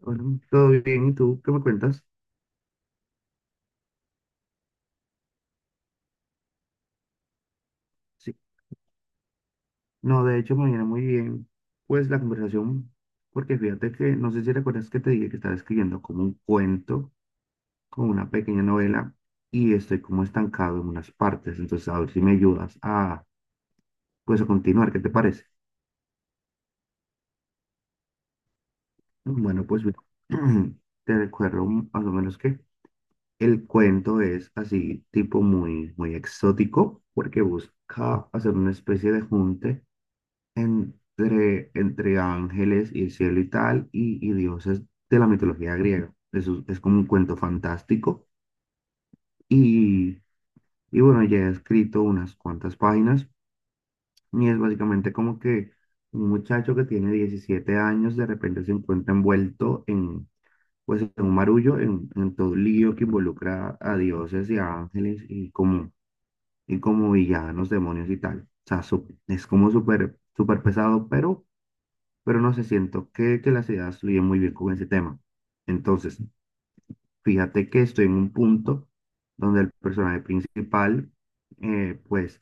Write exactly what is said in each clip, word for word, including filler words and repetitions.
Bueno, todo bien, ¿y tú qué me cuentas? Sí. No, de hecho me viene muy bien, pues la conversación, porque fíjate que, no sé si recuerdas que te dije que estaba escribiendo como un cuento, como una pequeña novela, y estoy como estancado en unas partes, entonces a ver si me ayudas a, pues a continuar, ¿qué te parece? Bueno, pues mira, te recuerdo más o menos que el cuento es así, tipo muy, muy exótico, porque busca hacer una especie de junte entre, entre ángeles y el cielo y tal, y, y dioses de la mitología griega. Eso es como un cuento fantástico. Y, y bueno, ya he escrito unas cuantas páginas y es básicamente como que un muchacho que tiene diecisiete años de repente se encuentra envuelto en, pues, en un marullo, en, en todo un lío que involucra a dioses y a ángeles y como, y como villanos, demonios y tal. O sea, su- es como súper súper pesado, pero pero no sé, siento que, que las ideas fluyen muy bien con ese tema. Entonces, fíjate que estoy en un punto donde el personaje principal, eh, pues,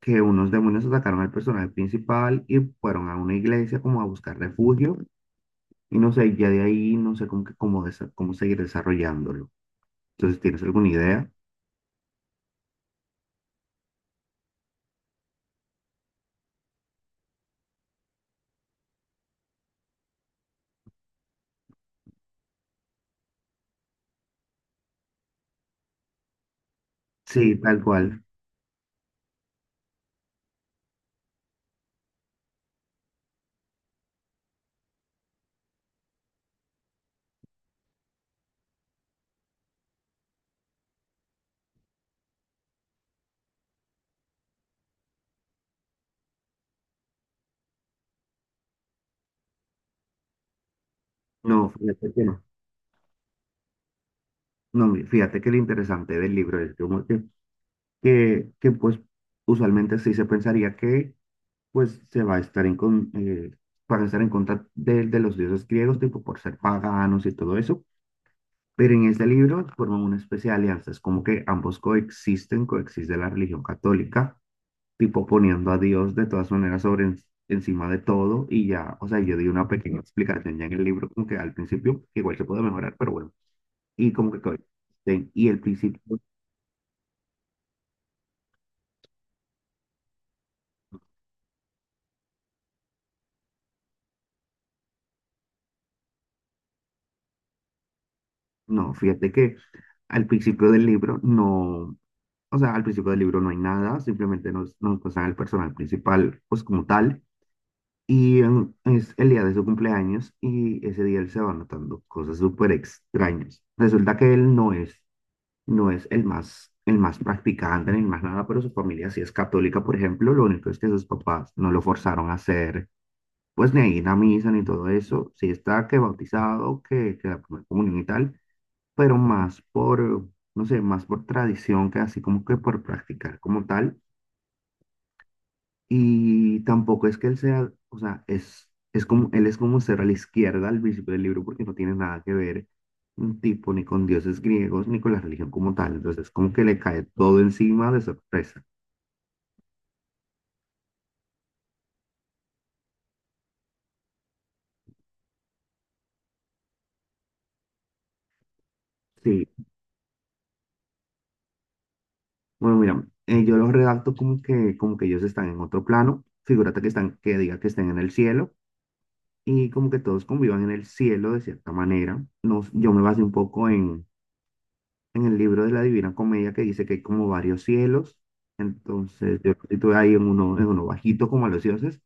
que unos demonios atacaron al personaje principal y fueron a una iglesia como a buscar refugio, y no sé, ya de ahí no sé cómo, que- cómo, desa- cómo seguir desarrollándolo. Entonces, ¿tienes alguna idea? Sí, tal cual. No, fíjate que no. No, mi- fíjate que lo interesante del libro es como que, que, que, pues usualmente sí se pensaría que pues se va a estar en con, eh, para estar en contra de, de los dioses griegos, tipo por ser paganos y todo eso. Pero en este libro forman una especie de alianza, es como que ambos coexisten, coexiste la religión católica, tipo poniendo a Dios de todas maneras sobre en- encima de todo y ya, o sea, yo di una pequeña explicación ya en el libro, como que al principio igual se puede mejorar, pero bueno, y como que coexisten. Y el principio No, fíjate que al principio del libro no, o sea, al principio del libro no hay nada, simplemente nos, nos pasan al personal principal, pues como tal, y en- es el día de su cumpleaños y ese día él se va notando cosas súper extrañas. Resulta que él no es, no es el más, el más practicante ni el más nada, pero su familia sí es católica, por ejemplo, lo único es que sus papás no lo forzaron a hacer, pues ni a ir a misa ni todo eso, sí está que bautizado, que, que la primera comunión y tal pero más por, no sé, más por tradición que así como que por practicar como tal. Y tampoco es que él sea, o sea, es, es como, él es como ser a la izquierda al principio del libro porque no tiene nada que ver un tipo ni con dioses griegos ni con la religión como tal. Entonces, como que le cae todo encima de sorpresa. Sí, bueno, mira, eh, yo los redacto como que, como que ellos están en otro plano. Figúrate que están, que diga que están en el cielo y como que todos convivan en el cielo de cierta manera. No, yo me basé un poco en, en el libro de la Divina Comedia que dice que hay como varios cielos. Entonces, yo estoy ahí en uno, en uno bajito como a los dioses,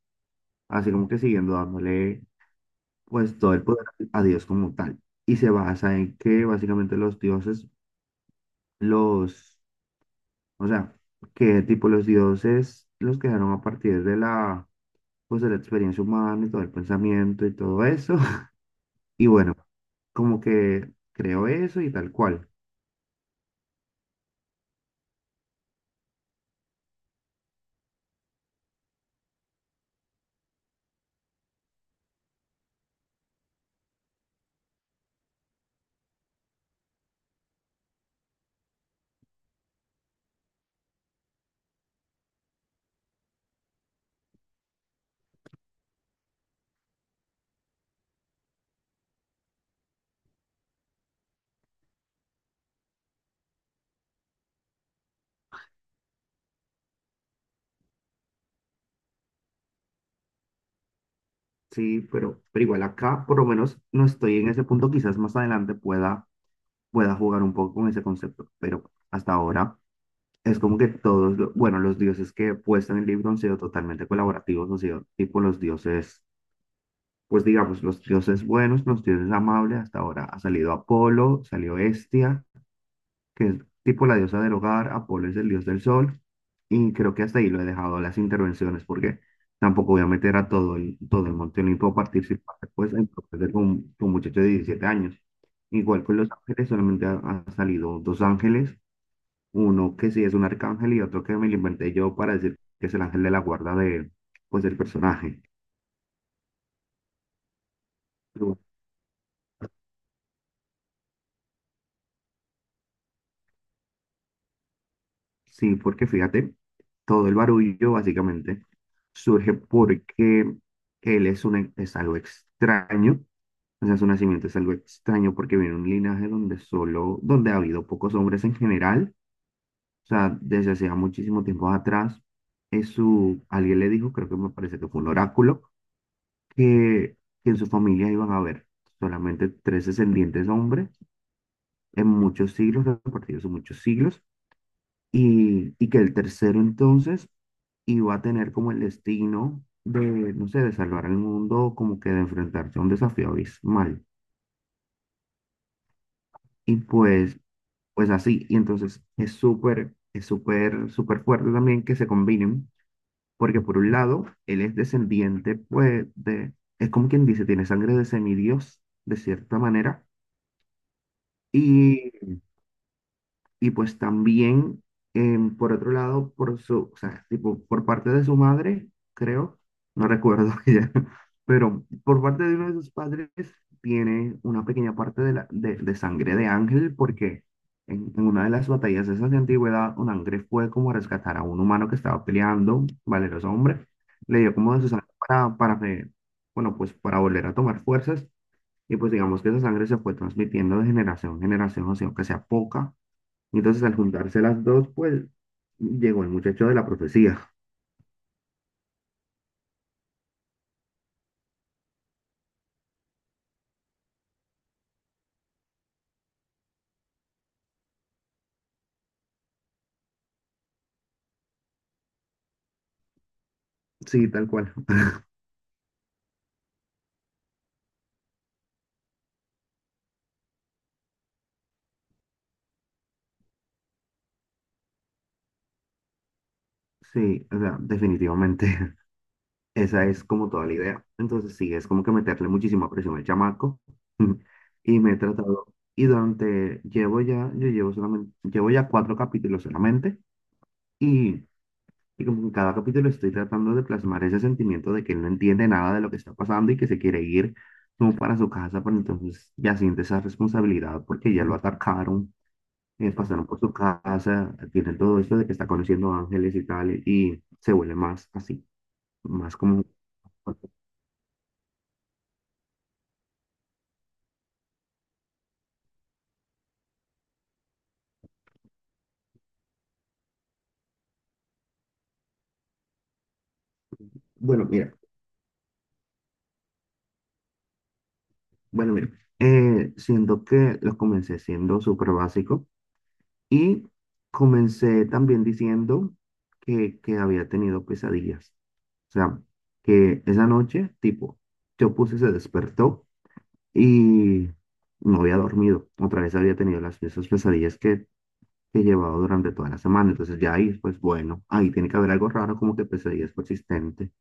así como que siguiendo dándole pues todo el poder a Dios como tal. Y se basa en que básicamente los dioses, los, o sea, que tipo los dioses los crearon a partir de la, pues de la experiencia humana y todo el pensamiento y todo eso. Y bueno, como que creo eso y tal cual. Sí, pero, pero igual acá, por lo menos, no estoy en ese punto. Quizás más adelante pueda, pueda jugar un poco con ese concepto, pero hasta ahora es como que todos, lo- bueno, los dioses que he puesto en el libro han sido totalmente colaborativos, han sido tipo los dioses, pues digamos, los dioses buenos, los dioses amables. Hasta ahora ha salido Apolo, salió Hestia, que es tipo la diosa del hogar, Apolo es el dios del sol, y creo que hasta ahí lo he dejado las intervenciones, porque tampoco voy a meter a todo el, todo el Monte Olimpo a participar pues, en propuestas con, con muchachos de diecisiete años. Igual con los ángeles, solamente ha- han, salido dos ángeles, uno que sí es un arcángel y otro que me lo inventé yo para decir que es el ángel de la guarda de, pues, del personaje. Sí, porque fíjate, todo el barullo básicamente surge porque él es, un, es algo extraño, o sea, su nacimiento es algo extraño porque viene de un linaje donde solo, donde ha habido pocos hombres en general, o sea, desde hacía muchísimo tiempo atrás, es su, alguien le dijo, creo que me parece que fue un oráculo, que, que en su familia iban a haber solamente tres descendientes hombres en muchos siglos, repartidos en muchos siglos, y, y que el tercero entonces iba a tener como el destino de, no sé, de salvar al mundo, como que de enfrentarse a un desafío abismal. Y pues, pues así, y entonces es súper, es súper, súper fuerte también que se combinen, porque por un lado, él es descendiente, pues, de, es como quien dice, tiene sangre de semidios, de cierta manera, y Y pues también, em, por otro lado, por su, o sea, tipo, por parte de su madre, creo, no recuerdo ya, pero por parte de uno de sus padres tiene una pequeña parte de, la, de, de sangre de ángel, porque en, en una de las batallas esas de antigüedad, un ángel fue como a rescatar a un humano que estaba peleando, valeroso hombre, le dio como de su sangre para, para, que- bueno, pues para volver a tomar fuerzas, y pues digamos que esa sangre se fue transmitiendo de generación en generación, o sea, aunque sea poca entonces, al juntarse las dos, pues llegó el muchacho de la profecía. Sí, tal cual. Sí, o sea, definitivamente esa es como toda la idea. Entonces, sí, es como que meterle muchísima presión al chamaco. Y me he tratado, y durante, llevo ya, yo llevo solamente, llevo ya cuatro capítulos solamente. Y, y como en cada capítulo estoy tratando de plasmar ese sentimiento de que él no entiende nada de lo que está pasando y que se quiere ir como para su casa, pero entonces ya siente esa responsabilidad porque ya lo atacaron eh, pasaron por su casa, tiene todo esto de que está conociendo ángeles y tal, y se vuelve más así, más como, bueno, mira, bueno, mira, eh, siendo que lo comencé siendo súper básico y comencé también diciendo que, que había tenido pesadillas, o sea, que esa noche, tipo, yo puse, se despertó y no había dormido, otra vez había tenido las esas pesadillas que que llevaba durante toda la semana. Entonces ya ahí, pues bueno, ahí tiene que haber algo raro, como que pesadillas persistentes,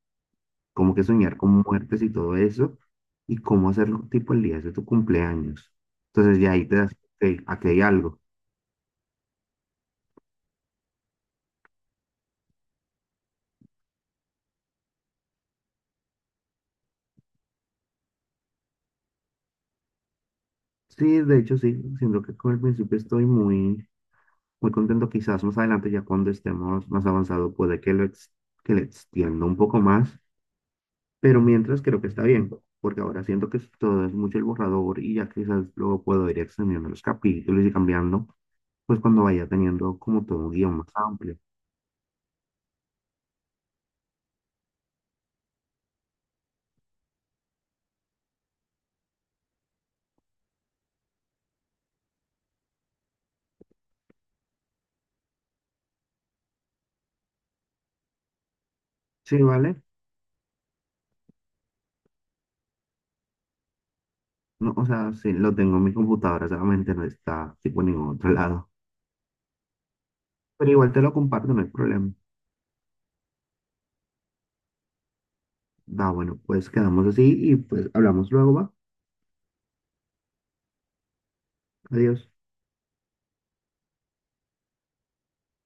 como que soñar con muertes y todo eso, y cómo hacerlo tipo el día de tu cumpleaños. Entonces ya ahí te das, ok, aquí hay algo. Sí, de hecho sí, siento que con el principio estoy muy, muy contento. Quizás más adelante, ya cuando estemos más avanzados, puede que lo, ex- que le extienda un poco más, pero mientras creo que está bien. Porque ahora siento que es- todo es mucho el borrador y ya quizás luego puedo ir extendiendo los capítulos y cambiando. Pues cuando vaya teniendo como todo un guión más amplio. Sí, ¿vale? No, o sea, sí, lo tengo en mi computadora, solamente no está tipo en ningún otro lado. Pero igual te lo comparto, no hay problema. Va, bueno, pues quedamos así y pues hablamos luego, va. Adiós.